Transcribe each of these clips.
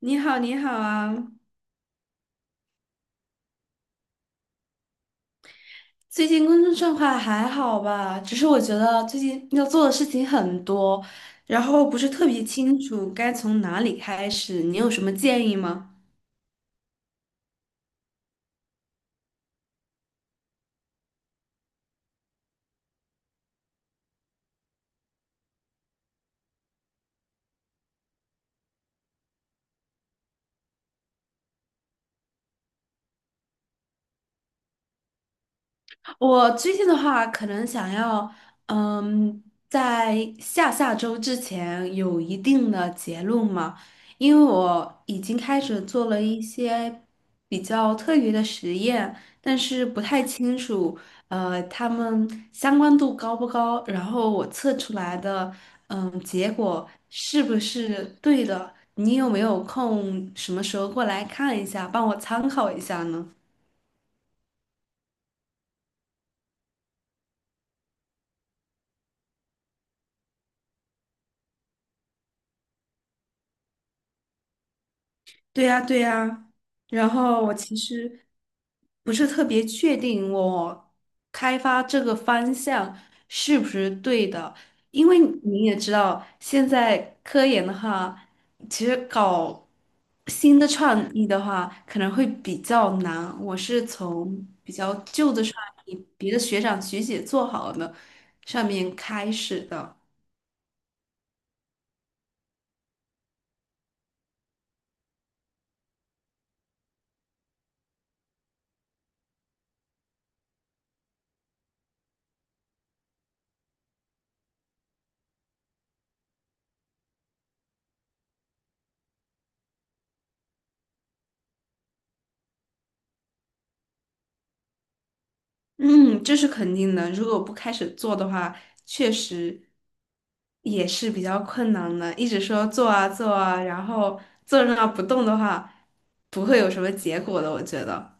你好，你好啊！最近工作状况还好吧？只是我觉得最近要做的事情很多，然后不是特别清楚该从哪里开始，你有什么建议吗？我最近的话，可能想要，嗯，在下下周之前有一定的结论嘛，因为我已经开始做了一些比较特别的实验，但是不太清楚，它们相关度高不高，然后我测出来的，结果是不是对的？你有没有空，什么时候过来看一下，帮我参考一下呢？对呀，对呀。然后我其实不是特别确定我开发这个方向是不是对的，因为你也知道，现在科研的话，其实搞新的创意的话可能会比较难。我是从比较旧的创意，别的学长学姐做好的上面开始的。嗯，这是肯定的。如果不开始做的话，确实也是比较困难的。一直说做啊做啊，然后坐在那不动的话，不会有什么结果的。我觉得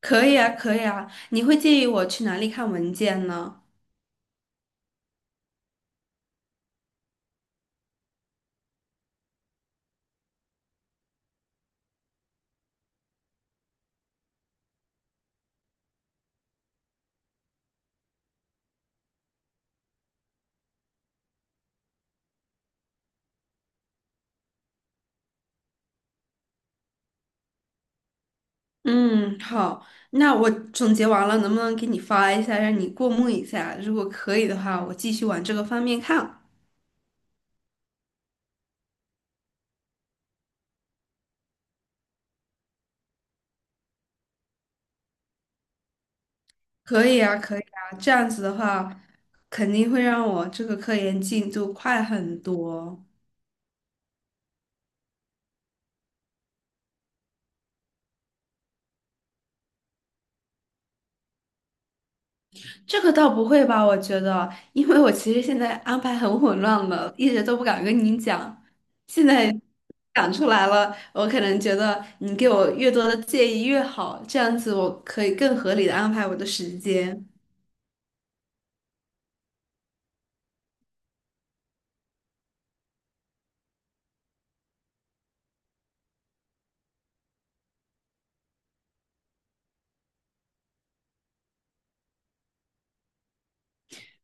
可以啊，可以啊。你会建议我去哪里看文件呢？嗯，好，那我总结完了，能不能给你发一下，让你过目一下？如果可以的话，我继续往这个方面看。可以啊，可以啊，这样子的话，肯定会让我这个科研进度快很多。这个倒不会吧，我觉得，因为我其实现在安排很混乱了，一直都不敢跟你讲。现在讲出来了，我可能觉得你给我越多的建议越好，这样子我可以更合理的安排我的时间。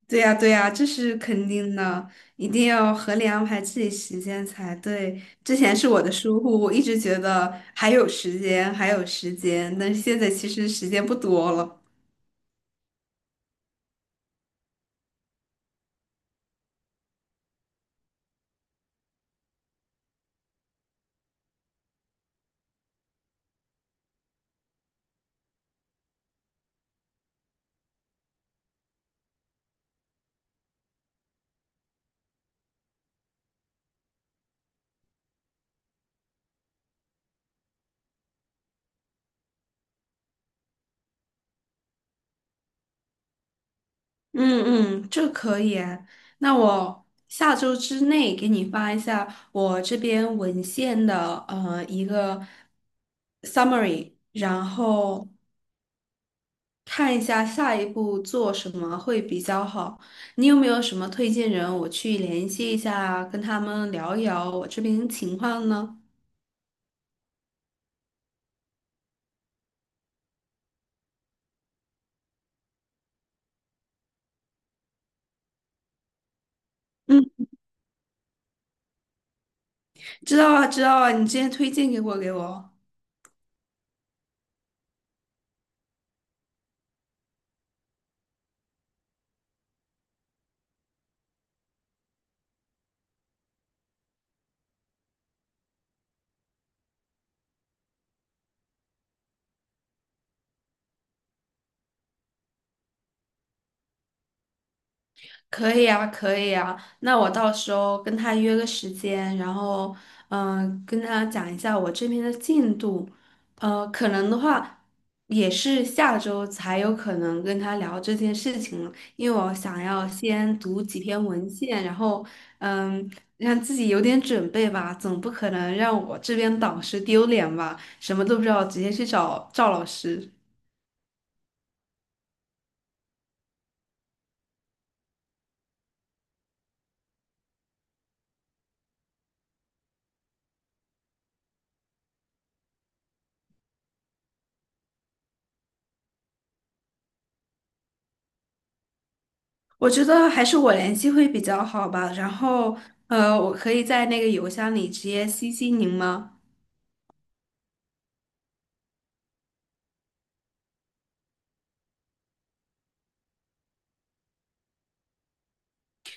对呀，对呀，这是肯定的，一定要合理安排自己时间才对。之前是我的疏忽，我一直觉得还有时间，还有时间，但是现在其实时间不多了。嗯嗯，这可以啊。那我下周之内给你发一下我这边文献的一个 summary,然后看一下下一步做什么会比较好。你有没有什么推荐人，我去联系一下，跟他们聊一聊我这边情况呢？嗯，知道啊，知道啊，你之前推荐给我。可以啊，可以啊。那我到时候跟他约个时间，然后跟他讲一下我这边的进度。可能的话也是下周才有可能跟他聊这件事情了，因为我想要先读几篇文献，然后嗯、让自己有点准备吧，总不可能让我这边导师丢脸吧，什么都不知道直接去找赵老师。我觉得还是我联系会比较好吧。然后，我可以在那个邮箱里直接 CC 您吗？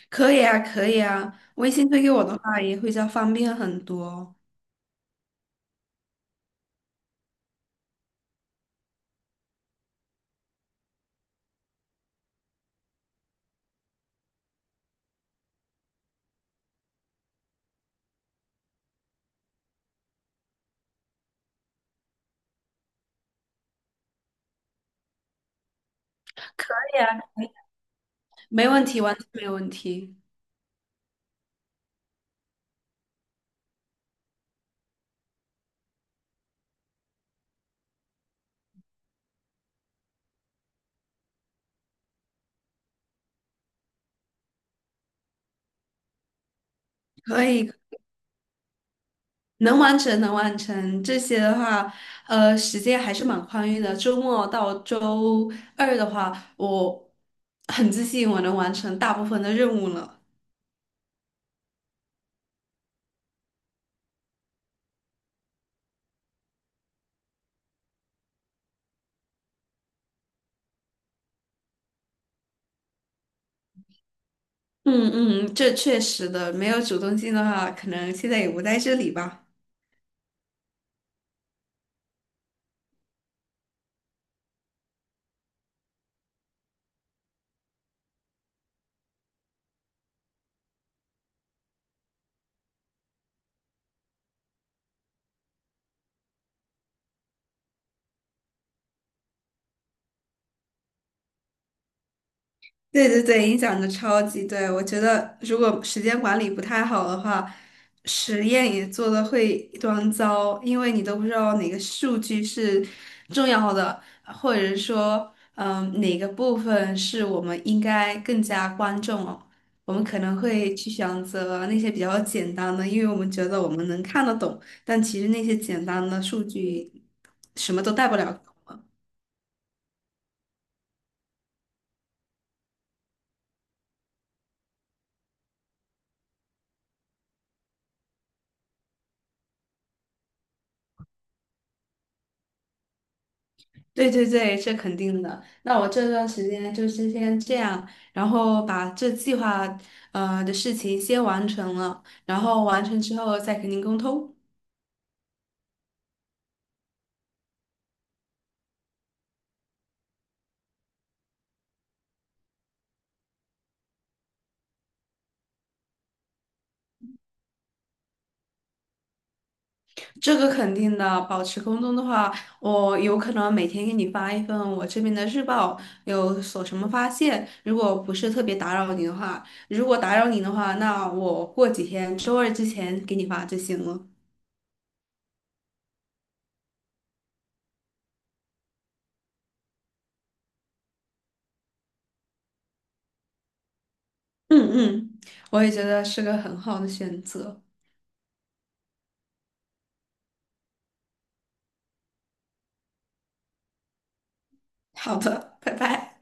可以啊，可以啊。微信推给我的话也会比较方便很多。可以啊，没问题，完全没问题。可以，能完成，能完成。这些的话，时间还是蛮宽裕的。周末到周二的话，我很自信我能完成大部分的任务了。嗯嗯，这确实的，没有主动性的话，可能现在也不在这里吧。对对对，影响的超级对。我觉得如果时间管理不太好的话，实验也做的会一团糟，因为你都不知道哪个数据是重要的，或者说，哪个部分是我们应该更加关注哦。我们可能会去选择那些比较简单的，因为我们觉得我们能看得懂，但其实那些简单的数据什么都带不了。对对对，这肯定的。那我这段时间就是先这样，然后把这计划的事情先完成了，然后完成之后再跟您沟通。这个肯定的，保持沟通的话，我有可能每天给你发一份我这边的日报，有所什么发现。如果不是特别打扰你的话，如果打扰你的话，那我过几天周二之前给你发就行了。嗯嗯，我也觉得是个很好的选择。好的，拜拜。